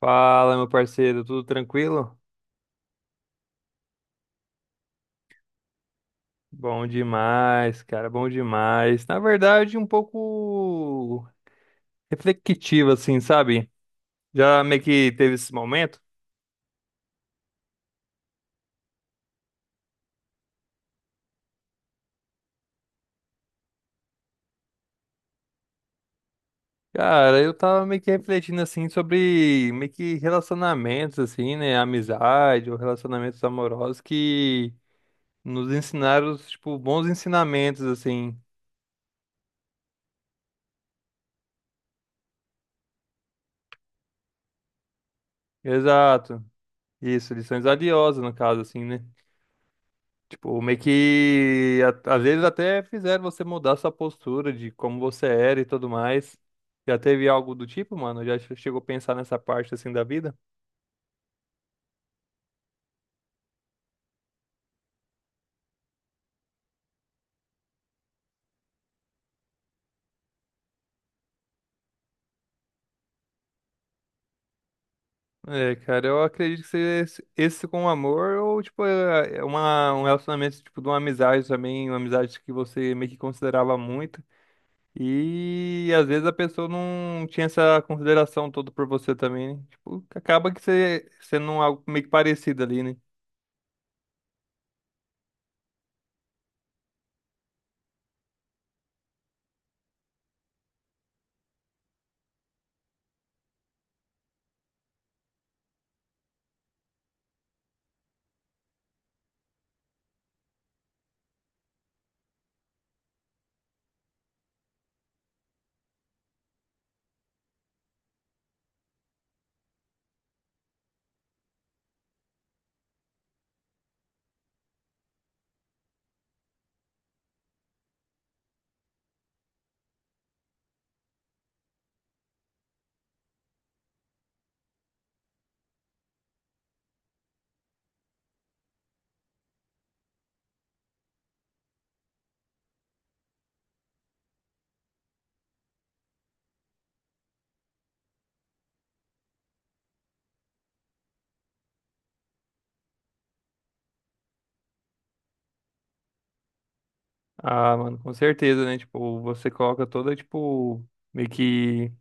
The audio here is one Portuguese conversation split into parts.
Fala, meu parceiro, tudo tranquilo? Bom demais, cara, bom demais. Na verdade, um pouco reflexivo, assim, sabe? Já meio que teve esse momento. Cara, eu tava meio que refletindo, assim, sobre meio que relacionamentos, assim, né? Amizade ou relacionamentos amorosos que nos ensinaram, tipo, bons ensinamentos, assim. Exato. Isso, lições valiosas, no caso, assim, né? Tipo, meio que às vezes até fizeram você mudar sua postura de como você era e tudo mais. Já teve algo do tipo, mano? Já chegou a pensar nessa parte assim da vida? É, cara, eu acredito que esse com amor ou tipo é uma, um relacionamento tipo de uma amizade também, uma amizade que você meio que considerava muito. E às vezes a pessoa não tinha essa consideração toda por você também, né? Tipo, acaba que você sendo algo meio que parecido ali, né? Ah, mano, com certeza, né? Tipo, você coloca toda, tipo, meio que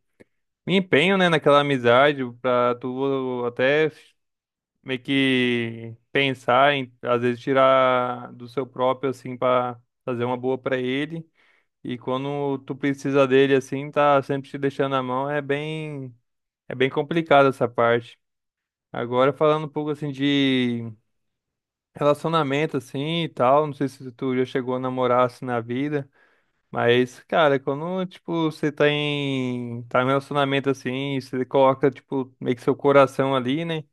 um empenho, né, naquela amizade pra tu até meio que pensar em, às vezes, tirar do seu próprio, assim, pra fazer uma boa pra ele. E quando tu precisa dele, assim, tá sempre te deixando na mão, é bem complicado essa parte. Agora, falando um pouco, assim, de relacionamento, assim, e tal, não sei se tu já chegou a namorar, assim, na vida. Mas, cara, quando, tipo, você tá tá em um relacionamento assim, você coloca, tipo, meio que seu coração ali, né?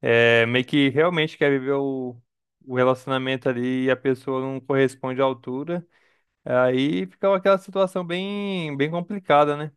É, meio que realmente quer viver o relacionamento ali e a pessoa não corresponde à altura, aí fica aquela situação bem, bem complicada, né?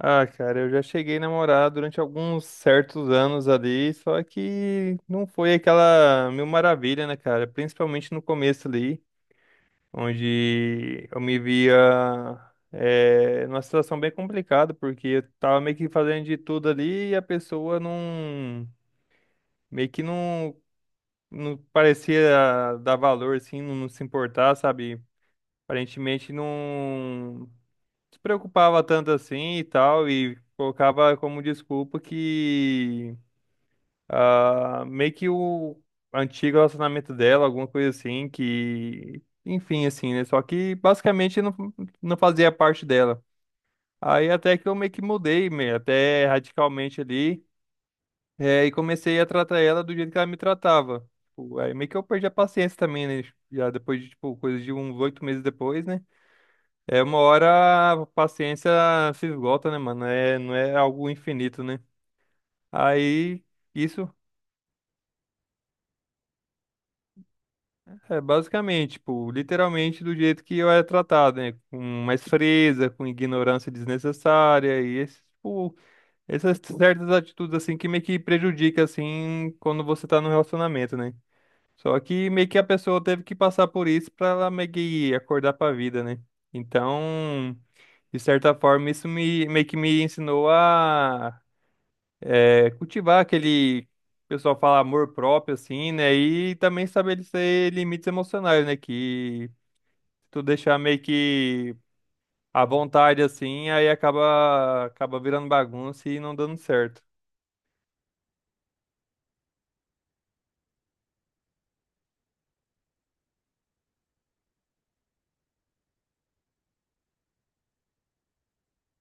Ah, cara, eu já cheguei a namorar durante alguns certos anos ali, só que não foi aquela mil maravilha, né, cara? Principalmente no começo ali, onde eu me via numa situação bem complicada, porque eu tava meio que fazendo de tudo ali e a pessoa não, meio que não, não parecia dar valor, assim, não, não se importar, sabe? Aparentemente não se preocupava tanto assim e tal, e colocava como desculpa que ah, meio que o antigo relacionamento dela, alguma coisa assim, que. Enfim, assim, né? Só que basicamente não, não fazia parte dela. Aí até que eu meio que mudei, meio, até radicalmente ali. É, e comecei a tratar ela do jeito que ela me tratava. Tipo, aí meio que eu perdi a paciência também, né? Já depois de, tipo, coisa de uns 8 meses depois, né? É, uma hora a paciência se esgota, né, mano? É, não é algo infinito, né? Aí. Isso. É, basicamente, tipo, literalmente do jeito que eu era tratado, né? Com mais freza, com ignorância desnecessária e esse, tipo, essas certas atitudes, assim, que meio que prejudica, assim, quando você tá no relacionamento, né? Só que meio que a pessoa teve que passar por isso pra ela meio que acordar pra vida, né? Então, de certa forma, isso me, meio que me ensinou a cultivar aquele... O pessoal fala amor próprio, assim, né? E também estabelecer limites emocionais, né? Que tu deixar meio que à vontade assim, aí acaba virando bagunça e não dando certo.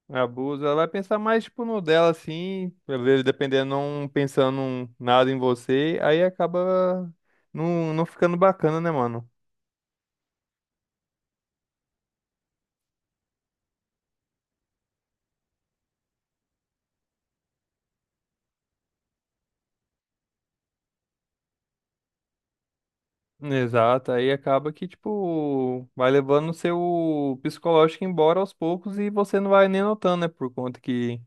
Abuso, ela vai pensar mais tipo no dela assim, às vezes dependendo não pensando nada em você, aí acaba não, não ficando bacana, né, mano? Exato, aí acaba que tipo vai levando o seu psicológico embora aos poucos e você não vai nem notando, né, por conta que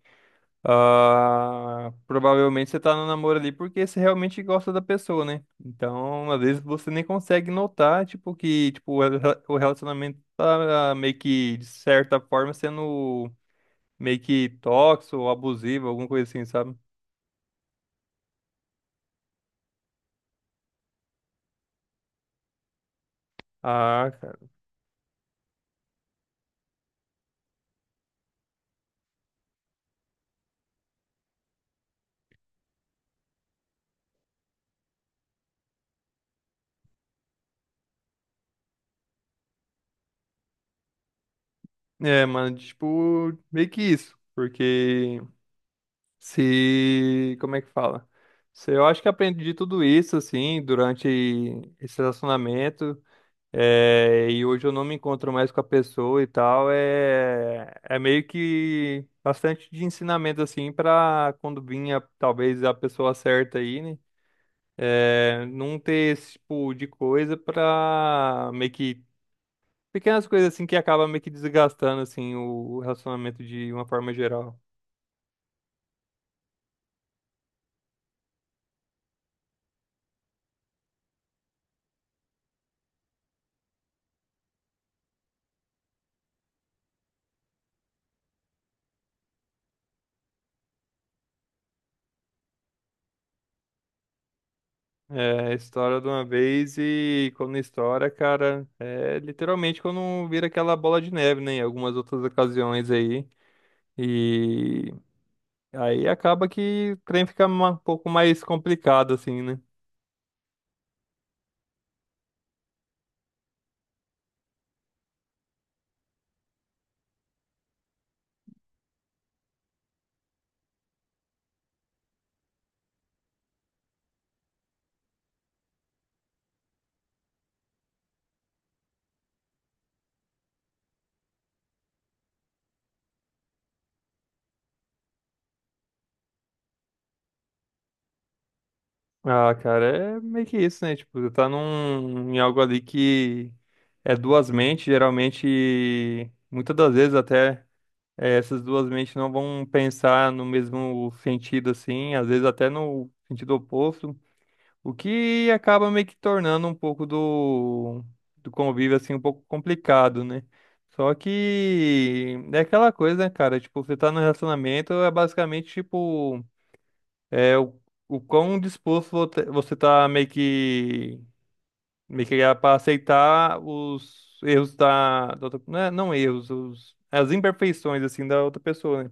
ah, provavelmente você tá no namoro ali porque você realmente gosta da pessoa, né? Então, às vezes você nem consegue notar, tipo, que tipo, o o relacionamento tá meio que, de certa forma, sendo meio que tóxico ou abusivo, alguma coisa assim, sabe? Ah, cara. É, mano, tipo, meio que isso. Porque se. Como é que fala? Se eu acho que aprendi tudo isso, assim, durante esse relacionamento. É, e hoje eu não me encontro mais com a pessoa e tal, é, é meio que bastante de ensinamento assim para quando vinha talvez a pessoa certa aí, né? É, não ter esse tipo de coisa pra meio que pequenas coisas assim que acaba meio que desgastando assim o relacionamento de uma forma geral. É, estoura de uma vez e quando estoura, cara, é literalmente quando vira aquela bola de neve, né? Em algumas outras ocasiões aí. E aí acaba que o trem fica um pouco mais complicado, assim, né? Ah, cara, é meio que isso, né? Tipo, você tá num, em algo ali que é duas mentes, geralmente, e muitas das vezes até essas duas mentes não vão pensar no mesmo sentido, assim, às vezes até no sentido oposto. O que acaba meio que tornando um pouco do, do convívio, assim, um pouco complicado, né? Só que é aquela coisa, né, cara? Tipo, você tá no relacionamento, é basicamente, tipo, é o quão disposto você tá meio que é pra aceitar os erros da, da outra, não, não erros, os, as imperfeições, assim, da outra pessoa, né?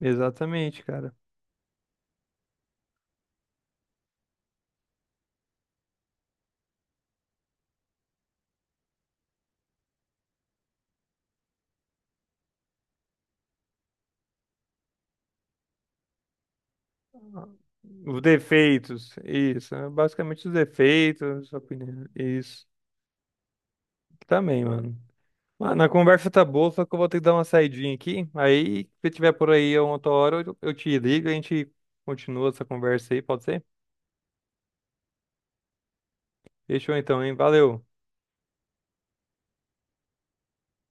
Exatamente, cara. Os defeitos, isso, né? Basicamente os defeitos, sua opinião, isso também, mano. Mano, a conversa tá boa, só que eu vou ter que dar uma saidinha aqui. Aí, se tiver por aí a outra hora, eu te ligo e a gente continua essa conversa aí, pode ser? Fechou então, hein? Valeu.